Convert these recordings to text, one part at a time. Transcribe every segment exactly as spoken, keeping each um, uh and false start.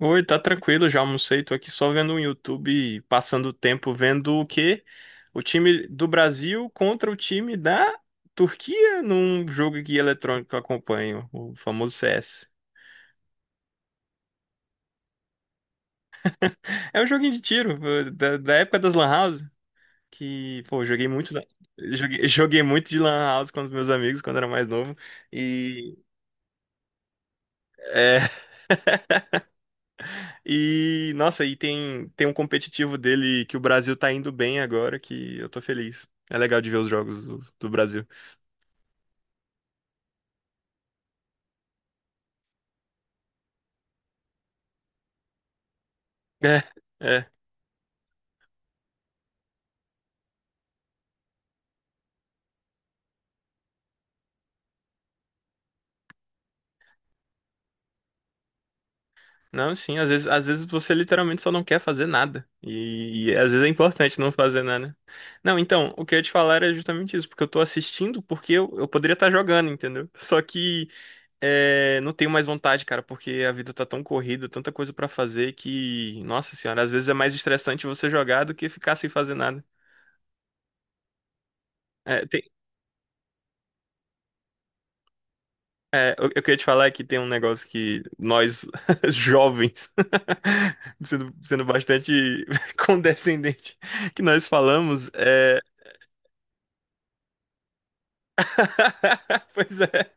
Oi, tá tranquilo, já almocei, tô aqui só vendo um YouTube, passando o tempo vendo o quê? O time do Brasil contra o time da Turquia num jogo que eletrônico eu acompanho, o famoso C S. É um joguinho de tiro, eh, da, da época das Lan House, que, pô, eu joguei muito, na- joguei, joguei muito de Lan House com os meus amigos quando era mais novo, e, é, e, nossa, e tem, tem um competitivo dele que o Brasil tá indo bem agora, que eu tô feliz. É legal de ver os jogos do do Brasil. É, é. Não, sim, às vezes, às vezes você literalmente só não quer fazer nada. E, e às vezes é importante não fazer nada. Não, então, o que eu ia te falar era justamente isso, porque eu tô assistindo porque eu, eu poderia estar jogando, entendeu? Só que é, não tenho mais vontade, cara, porque a vida tá tão corrida, tanta coisa pra fazer que, nossa senhora, às vezes é mais estressante você jogar do que ficar sem fazer nada. É. tem- É, eu, eu queria te falar que tem um negócio que nós, jovens, sendo, sendo bastante condescendente, que nós falamos, é... Pois é,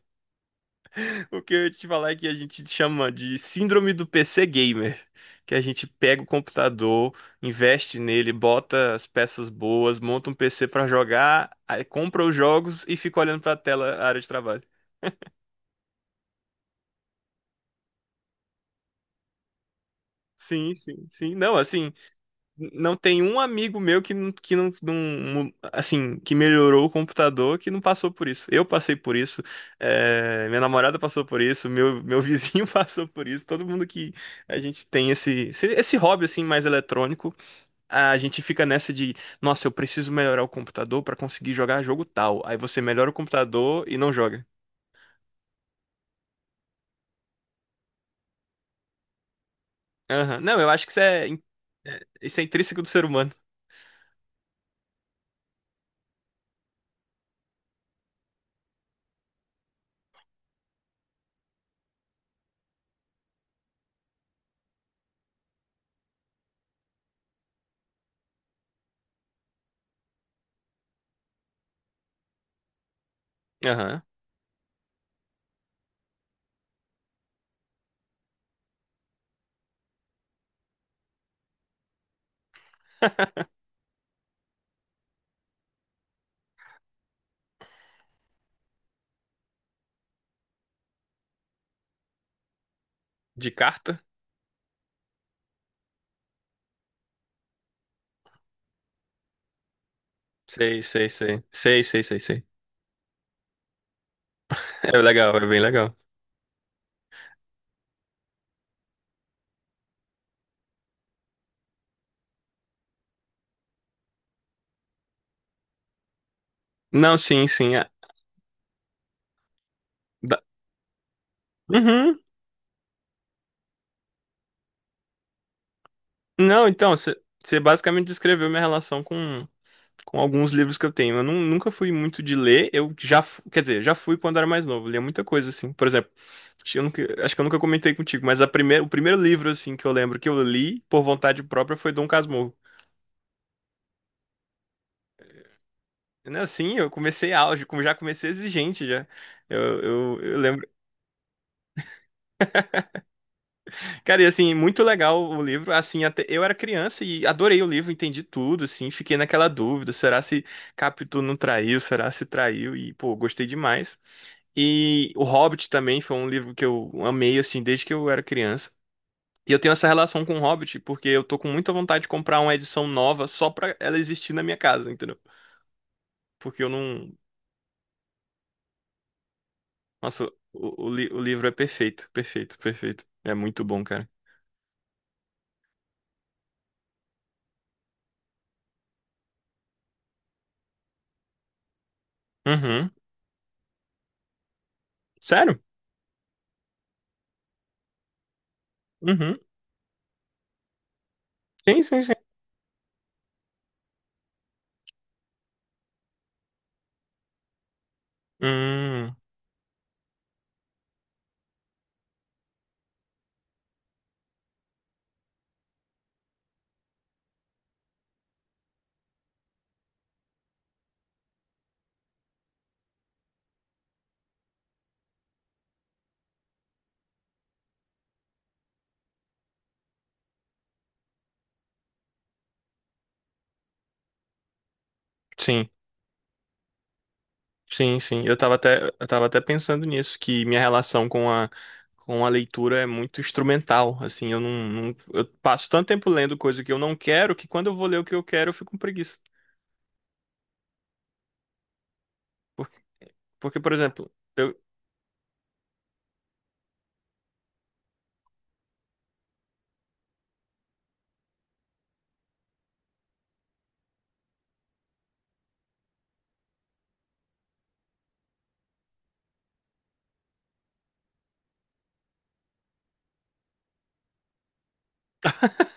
o que eu ia te falar é que a gente chama de síndrome do P C gamer, que a gente pega o computador, investe nele, bota as peças boas, monta um P C pra jogar, aí compra os jogos e fica olhando pra tela, a área de trabalho. Sim, sim, sim. Não, assim, não tem um amigo meu que, não- que não, não- assim, que melhorou o computador que não passou por isso. Eu passei por isso, eh, minha namorada passou por isso, meu, meu vizinho passou por isso. Todo mundo que a gente tem esse, esse, esse hobby assim mais eletrônico, a gente fica nessa de, nossa, eu preciso melhorar o computador para conseguir jogar jogo tal. Aí você melhora o computador e não joga. Aham. Não, eu acho que isso é, in- é- isso é intrínseco do ser humano. Aham. De carta? Sei, sei, sei. Sei, sei, sei, sei. É legal, é bem legal. Não, sim, sim. é- da- Uhum. Não, então, você basicamente descreveu minha relação com, com alguns livros que eu tenho. Eu nu- nunca fui muito de ler, eu já, fu- quer dizer, já fui quando era mais novo, lia muita coisa, assim. Por exemplo, acho que eu nunca, acho que eu nunca comentei contigo, mas a primeira, o primeiro livro, assim, que eu lembro que eu li por vontade própria foi Dom Casmurro. Não, sim, eu comecei auge, como já comecei exigente já. Eu, eu, eu lembro. Cara, e assim, muito legal o livro. Assim, até eu era criança e adorei o livro, entendi tudo, assim, fiquei naquela dúvida, será se Capitu não traiu, será se traiu? E, pô, gostei demais. E O Hobbit também foi um livro que eu amei, assim, desde que eu era criança. E eu tenho essa relação com o Hobbit porque eu tô com muita vontade de comprar uma edição nova só pra ela existir na minha casa, entendeu? Porque eu não. Nossa, o, o li- o livro é perfeito, perfeito, perfeito. É muito bom, cara. Uhum. Sério? Uhum. Sim, sim, sim. Hum. Sim. Sim, sim. Eu tava até, eu tava até pensando nisso, que minha relação com a, com a leitura é muito instrumental. Assim, eu não, não- eu passo tanto tempo lendo coisa que eu não quero que quando eu vou ler o que eu quero, eu fico com preguiça. Porque, por exemplo, eu...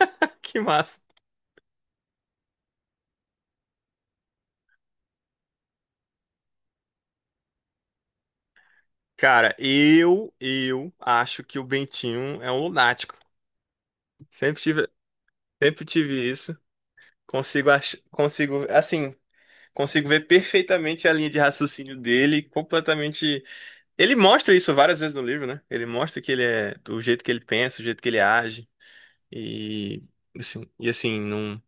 Que massa. Cara, eu, eu acho que o Bentinho é um lunático. Sempre tive, sempre tive isso. Consigo, ach... consigo, assim, consigo ver perfeitamente a linha de raciocínio dele, completamente. Ele mostra isso várias vezes no livro, né? Ele mostra que ele é do jeito que ele pensa, do jeito que ele age e assim, e assim, não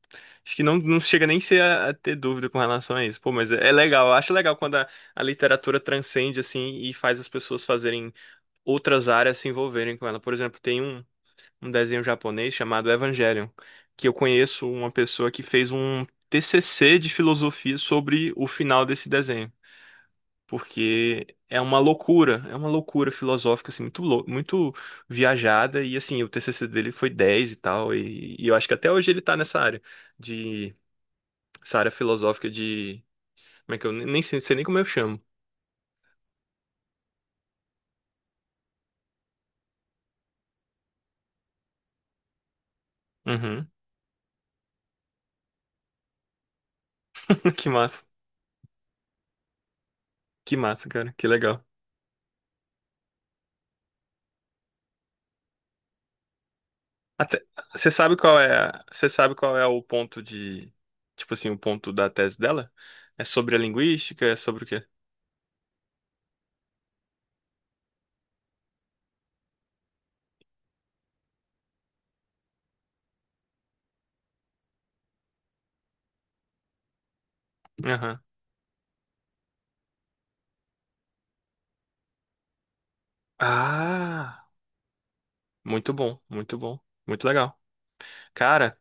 acho que não, não chega nem ser a, a ter dúvida com relação a isso. Pô, mas é, é legal, eu acho legal quando a, a literatura transcende assim e faz as pessoas fazerem outras áreas se envolverem com ela. Por exemplo, tem um, um desenho japonês chamado Evangelion, que eu conheço uma pessoa que fez um T C C de filosofia sobre o final desse desenho porque é uma loucura, é uma loucura filosófica assim muito lou- muito viajada e assim, o T C C dele foi dez e tal e, e eu acho que até hoje ele tá nessa área de essa área filosófica de como é que eu nem nem sei, sei nem como eu chamo. Uhum. Que massa. Que massa, cara. Que legal. Até você sabe qual é, a- você sabe qual é o ponto de tipo assim, o ponto da tese dela? É sobre a linguística, é sobre o quê? Aham. Ah, muito bom, muito bom, muito legal. Cara,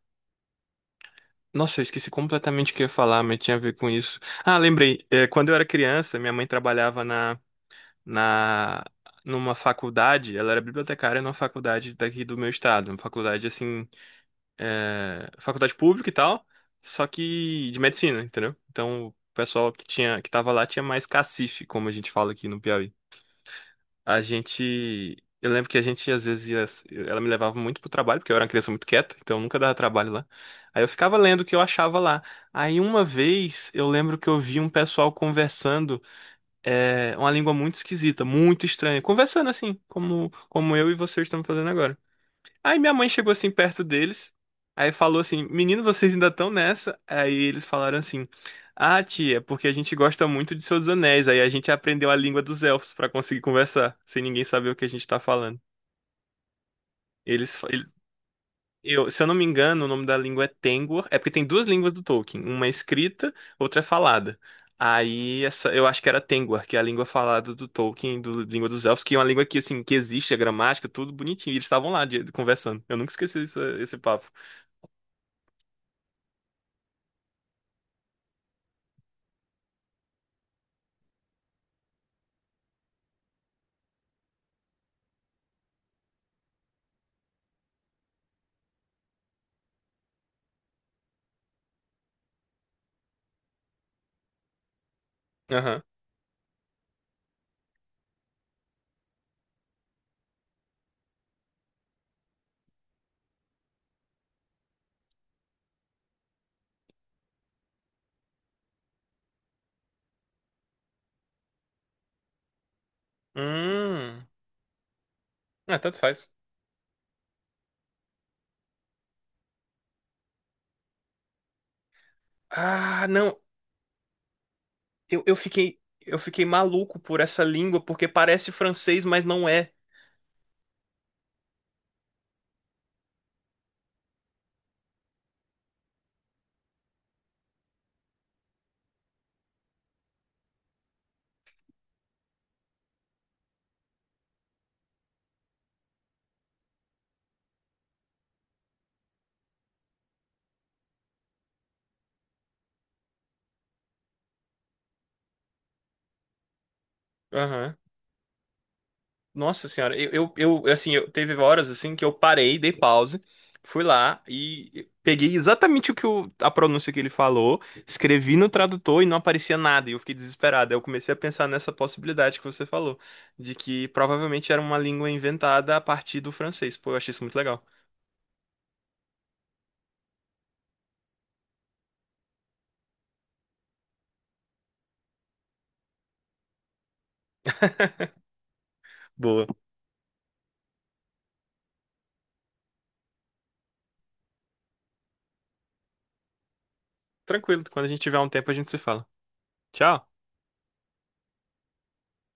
nossa, eu esqueci completamente o que eu ia falar, mas tinha a ver com isso. Ah, lembrei. É, quando eu era criança, minha mãe trabalhava na, na, numa faculdade. Ela era bibliotecária numa faculdade daqui do meu estado. Uma faculdade, assim, é, faculdade pública e tal, só que de medicina, entendeu? Então, o pessoal que tinha, que tava lá tinha mais cacife, como a gente fala aqui no Piauí. A gente. Eu lembro que a gente às vezes ia. Ela me levava muito pro trabalho, porque eu era uma criança muito quieta, então nunca dava trabalho lá. Aí eu ficava lendo o que eu achava lá. Aí uma vez eu lembro que eu vi um pessoal conversando é, uma língua muito esquisita, muito estranha. Conversando assim, como, como eu e vocês estamos fazendo agora. Aí minha mãe chegou assim perto deles, aí falou assim: Menino, vocês ainda estão nessa? Aí eles falaram assim: Ah, tia, porque a gente gosta muito de Seus Anéis. Aí a gente aprendeu a língua dos elfos pra conseguir conversar, sem ninguém saber o que a gente tá falando. Eles, fa- eles- eu, se eu não me engano, o nome da língua é Tengwar. É porque tem duas línguas do Tolkien: uma é escrita, outra é falada. Aí essa, eu acho que era Tengwar, que é a língua falada do Tolkien, do língua dos elfos, que é uma língua que assim que existe a gramática, tudo bonitinho. E eles estavam lá de- conversando. Eu nunca esqueci isso- esse papo. Aham. Hum. Ah, tanto faz. Ah, não. Eu, eu fiquei eu fiquei maluco por essa língua porque parece francês, mas não é. Aham. Nossa senhora, eu, eu, eu assim, eu teve horas assim que eu parei, dei pause, fui lá e peguei exatamente o que o, a pronúncia que ele falou, escrevi no tradutor e não aparecia nada, e eu fiquei desesperado. Aí eu comecei a pensar nessa possibilidade que você falou, de que provavelmente era uma língua inventada a partir do francês. Pô, eu achei isso muito legal. Boa. Tranquilo, quando a gente tiver um tempo a gente se fala. Tchau.